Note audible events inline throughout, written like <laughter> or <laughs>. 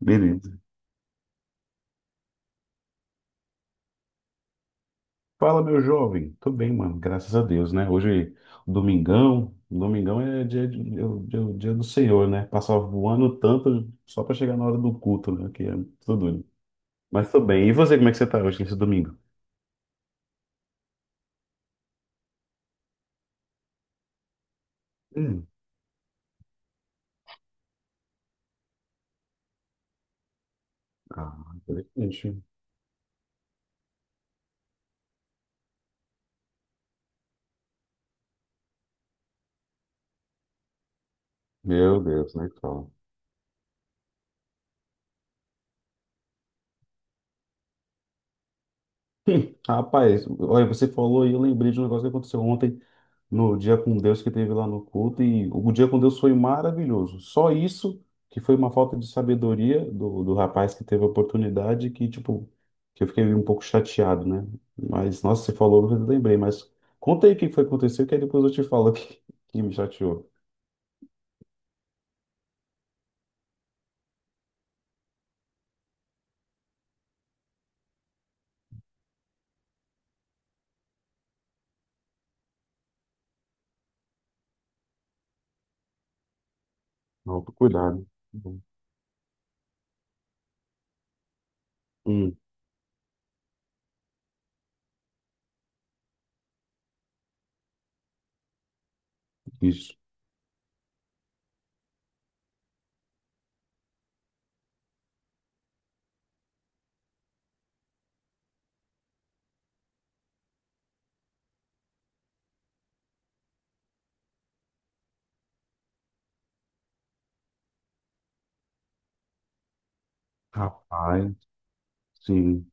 Beleza. Fala, meu jovem. Tô bem, mano. Graças a Deus, né? Hoje, domingão. Domingão é dia, é o dia do Senhor, né? Passar voando tanto só pra chegar na hora do culto, né? Que é tudo doido. Mas tô bem. E você, como é que você tá hoje nesse domingo? Hum. Ah, interessante. Meu Deus, né? Fala. <laughs> Rapaz, olha, você falou e eu lembrei de um negócio que aconteceu ontem no Dia com Deus que teve lá no culto e o Dia com Deus foi maravilhoso. Só isso que foi uma falta de sabedoria do rapaz que teve a oportunidade que, tipo, que eu fiquei um pouco chateado, né? Mas, nossa, você falou, eu lembrei, mas conta aí o que foi que aconteceu que aí depois eu te falo <laughs> o que, que me chateou. Não, cuidado. Hum, isso. Rapaz, sim.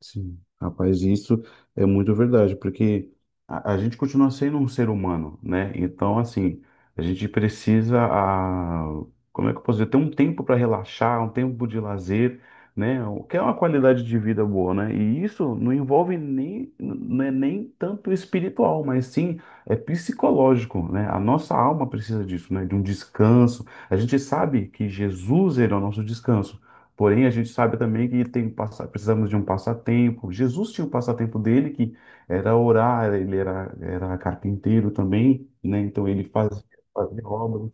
Sim, rapaz, isso é muito verdade, porque a gente continua sendo um ser humano, né? Então, assim, a gente precisa, como é que eu posso dizer, ter um tempo para relaxar, um tempo de lazer, né? O que é uma qualidade de vida boa, né? E isso não envolve nem, não é nem tanto espiritual, mas sim é psicológico, né? A nossa alma precisa disso, né? De um descanso. A gente sabe que Jesus era o nosso descanso. Porém, a gente sabe também que tem, precisamos de um passatempo. Jesus tinha um passatempo dele que era orar, era carpinteiro também, né? Então ele fazia, fazia obras,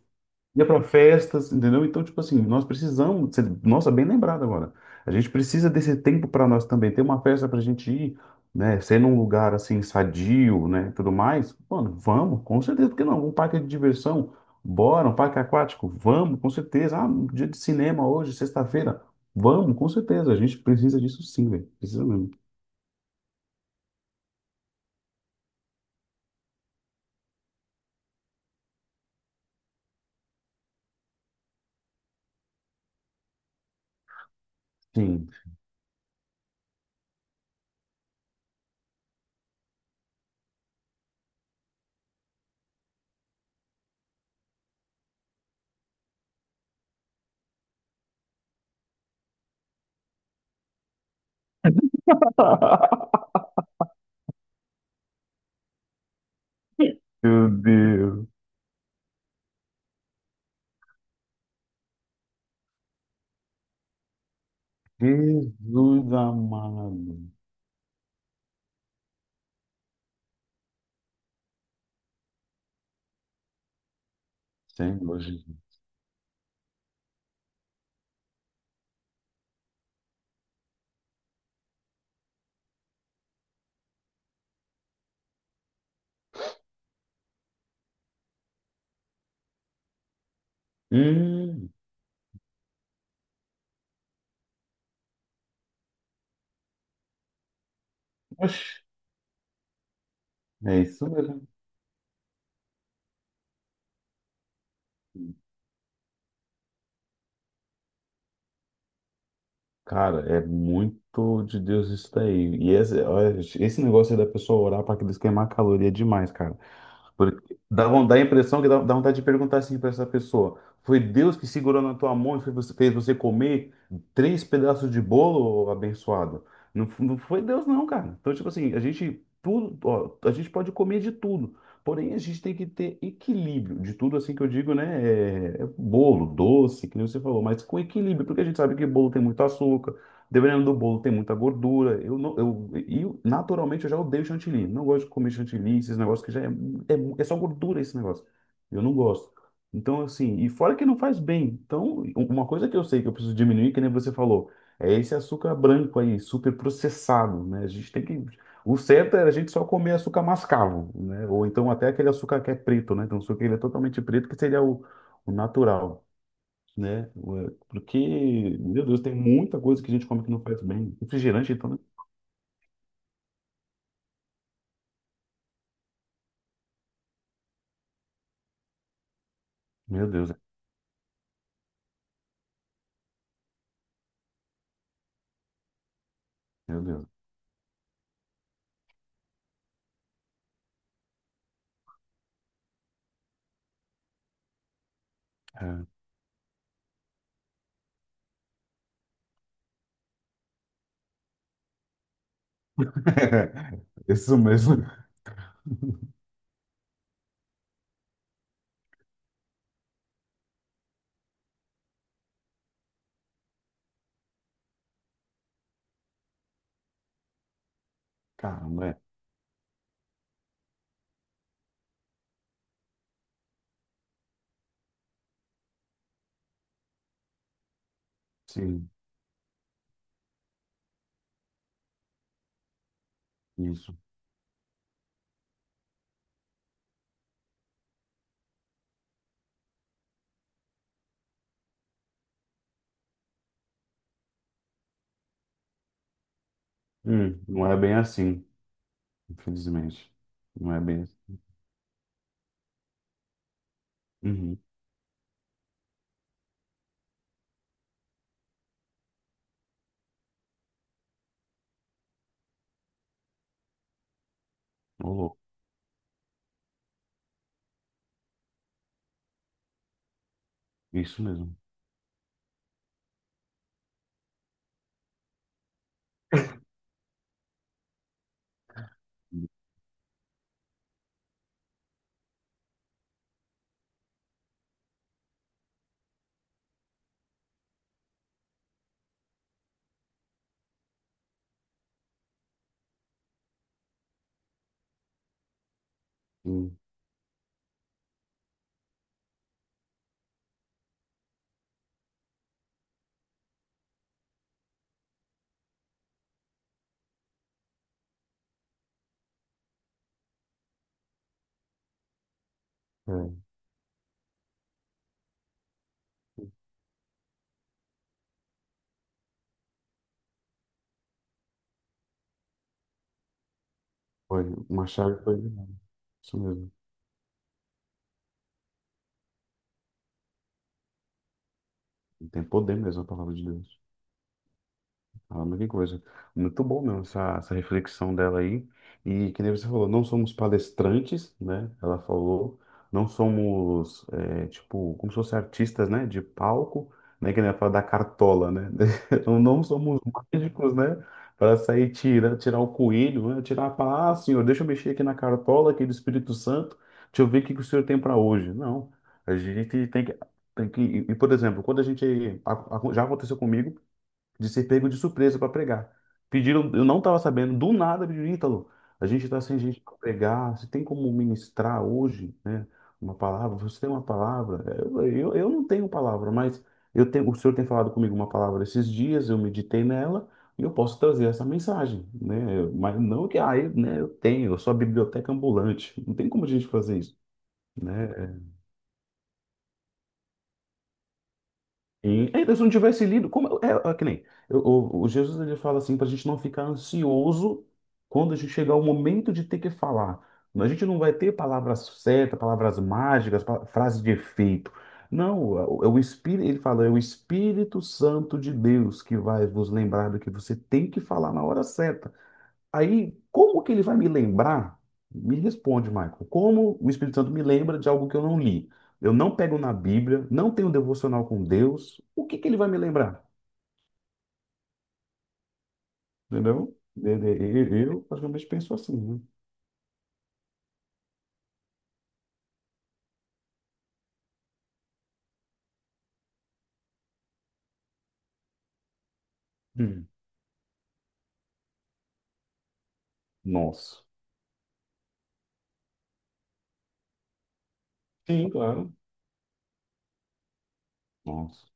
ia para festas, entendeu? Então, tipo assim, nós precisamos, nossa, bem lembrado agora. A gente precisa desse tempo para nós também, ter uma festa para a gente ir, né? Ser num lugar assim sadio, né? Tudo mais. Mano, vamos, com certeza, porque não? Um parque de diversão, bora, um parque aquático, vamos, com certeza. Ah, um dia de cinema hoje, sexta-feira, vamos, com certeza. A gente precisa disso sim, velho. Precisa mesmo. Sim. <laughs> Meu Deus. Jesus amado. Senhor Jesus. Hum, oxe. É isso mesmo. Cara, é muito de Deus isso daí. E esse, olha, esse negócio aí da pessoa orar para aqueles queimar caloria é demais, cara. Porque dá, dá a impressão que dá vontade de perguntar assim para essa pessoa: Foi Deus que segurou na tua mão e fez você comer três pedaços de bolo, ô abençoado? Não, não foi Deus, não, cara. Então, tipo assim, a gente tudo, ó, a gente pode comer de tudo. Porém, a gente tem que ter equilíbrio de tudo, assim que eu digo, né? É bolo, doce, que nem você falou, mas com equilíbrio, porque a gente sabe que bolo tem muito açúcar. Dependendo do bolo, tem muita gordura. Eu não, eu, e eu- naturalmente eu já odeio chantilly. Não gosto de comer chantilly, esses negócios que já é, é só gordura esse negócio. Eu não gosto. Então, assim, e fora que não faz bem. Então, uma coisa que eu sei que eu preciso diminuir, que nem você falou, é esse açúcar branco aí, super processado, né? A gente tem que. O certo é a gente só comer açúcar mascavo, né? Ou então até aquele açúcar que é preto, né? Então, o açúcar que ele é totalmente preto, que seria o natural, né? Ué, porque, meu Deus, tem muita coisa que a gente come que não faz bem. Refrigerante, então, né? Meu Deus, meu Deus. É. <laughs> Isso mesmo. Caramba, é. Sim, isso. Não é bem assim, infelizmente. Não é bem assim. Uhum. Ô, louco. Isso mesmo. Hum, é. Foi. Uma chave foi. Isso mesmo. Tem poder mesmo a palavra de Deus. Caramba, que coisa. Muito bom mesmo essa, essa reflexão dela aí. E que nem você falou, não somos palestrantes, né? Ela falou, não somos, é, tipo, como se fossem artistas, né? De palco, né? Que nem ela fala da cartola, né? <laughs> Não, não somos mágicos, né? Para sair tirar, tirar o coelho, né? Tirar para, ah, senhor, deixa eu mexer aqui na cartola, aqui do Espírito Santo, deixa eu ver o que que o senhor tem para hoje. Não, a gente tem que, tem que. E, por exemplo, quando a gente. Já aconteceu comigo de ser pego de surpresa para pregar. Pediram, eu não estava sabendo, do nada pediram, Ítalo, a gente está sem gente para pregar, você tem como ministrar hoje, né? Uma palavra, você tem uma palavra? Eu não tenho palavra, mas eu tenho, o Senhor tem falado comigo uma palavra esses dias, eu meditei nela e eu posso trazer essa mensagem, né? Mas não que, ah, eu, né, eu tenho, eu sou a biblioteca ambulante, não tem como a gente fazer isso, né? Sim. Ainda se não tivesse lido, como é, é que nem o Jesus ele fala assim para a gente não ficar ansioso quando a gente chegar o momento de ter que falar. A gente não vai ter palavras certas, palavras mágicas, frases de efeito. Não, é o Espírito, ele fala, é o Espírito Santo de Deus que vai vos lembrar do que você tem que falar na hora certa. Aí, como que ele vai me lembrar? Me responde, Michael. Como o Espírito Santo me lembra de algo que eu não li? Eu não pego na Bíblia, não tenho um devocional com Deus. O que que ele vai me lembrar? Entendeu? Eu praticamente penso assim, né? Hum. Nossa. Sim, claro. Nossa.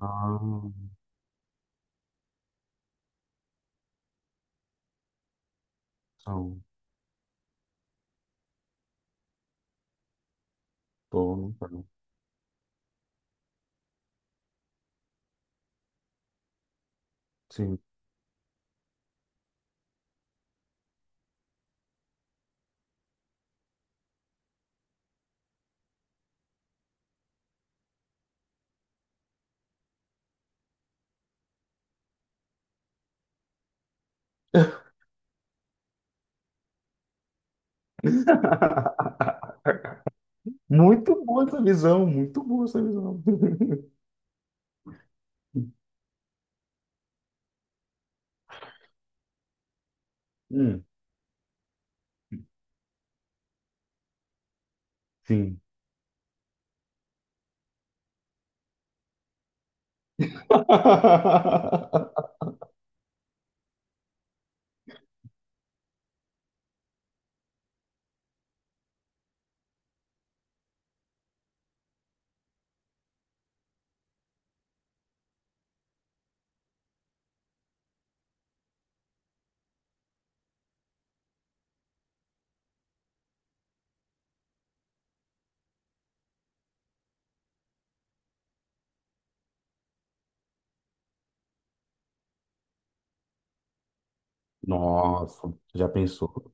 Ah, são, tô, não, sim. <laughs> Muito boa essa visão, muito boa essa visão. <laughs> Hum. Sim. <laughs> Nossa, já pensou?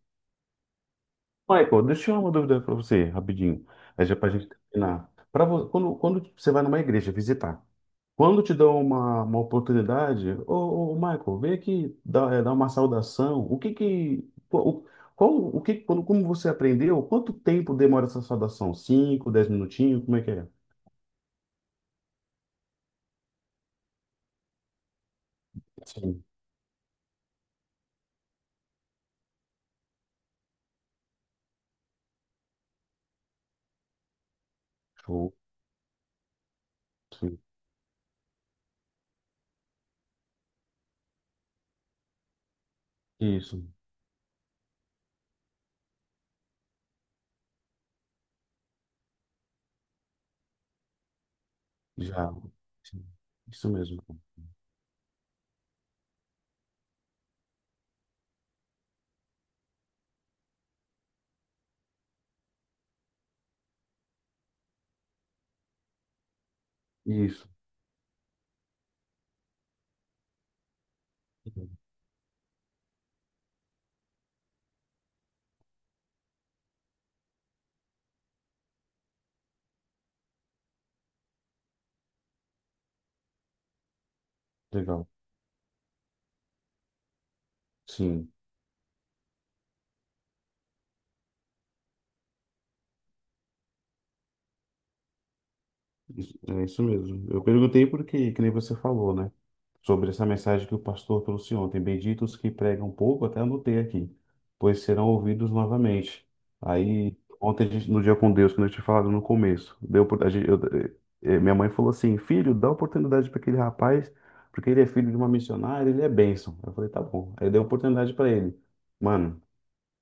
Michael, deixa eu tirar uma dúvida para você, rapidinho. Aí já para a gente terminar. Pra quando, quando você vai numa igreja visitar, quando te dão uma oportunidade, ô, Michael, vem aqui dar, dar uma saudação. O que que. Qual, o o que, quando, como você aprendeu? Quanto tempo demora essa saudação? 5, 10 minutinhos? Como é que é? Sim. Show. Sim. Isso. Já. Sim. Isso mesmo. Isso. Legal. Sim. É isso mesmo. Eu perguntei porque, que nem você falou, né? Sobre essa mensagem que o pastor trouxe ontem. Benditos que pregam pouco, até anotei aqui, pois serão ouvidos novamente. Aí, ontem, a gente, no dia com Deus, que eu tinha falado no começo, deu, a gente, minha mãe falou assim: Filho, dá oportunidade para aquele rapaz, porque ele é filho de uma missionária, ele é bênção. Eu falei: Tá bom. Aí deu oportunidade para ele. Mano,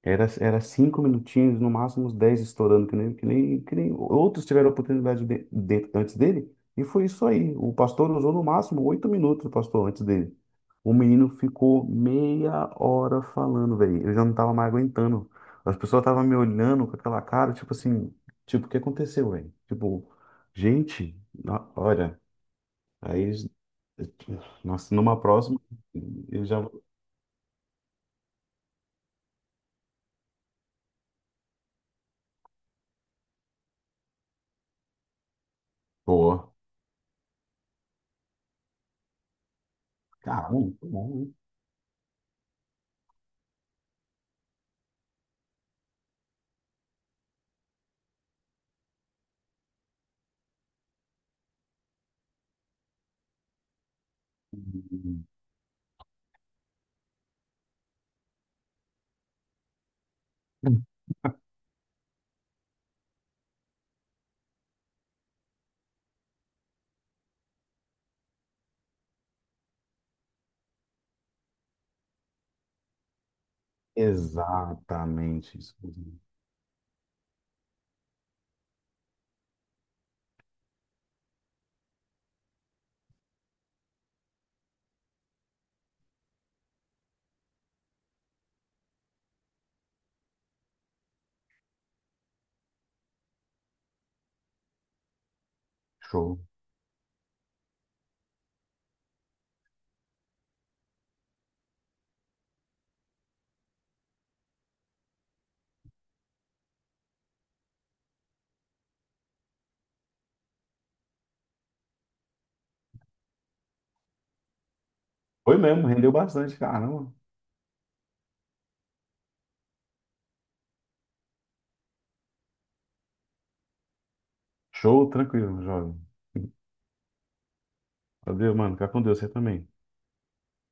era 5 minutinhos, no máximo uns 10 estourando, que nem outros tiveram a oportunidade antes dele. E foi isso aí. O pastor usou no máximo 8 minutos, o pastor, antes dele. O menino ficou meia hora falando, velho. Eu já não tava mais aguentando. As pessoas estavam me olhando com aquela cara, tipo assim, tipo, o que aconteceu, velho? Tipo, gente, olha, aí, nossa, numa próxima, eu já vou. Pô, caramba, muito bom, hein? Exatamente isso. Show. Foi mesmo, rendeu bastante, caramba. Show, tranquilo, jovem. Valeu, mano. Fica com Deus, você também.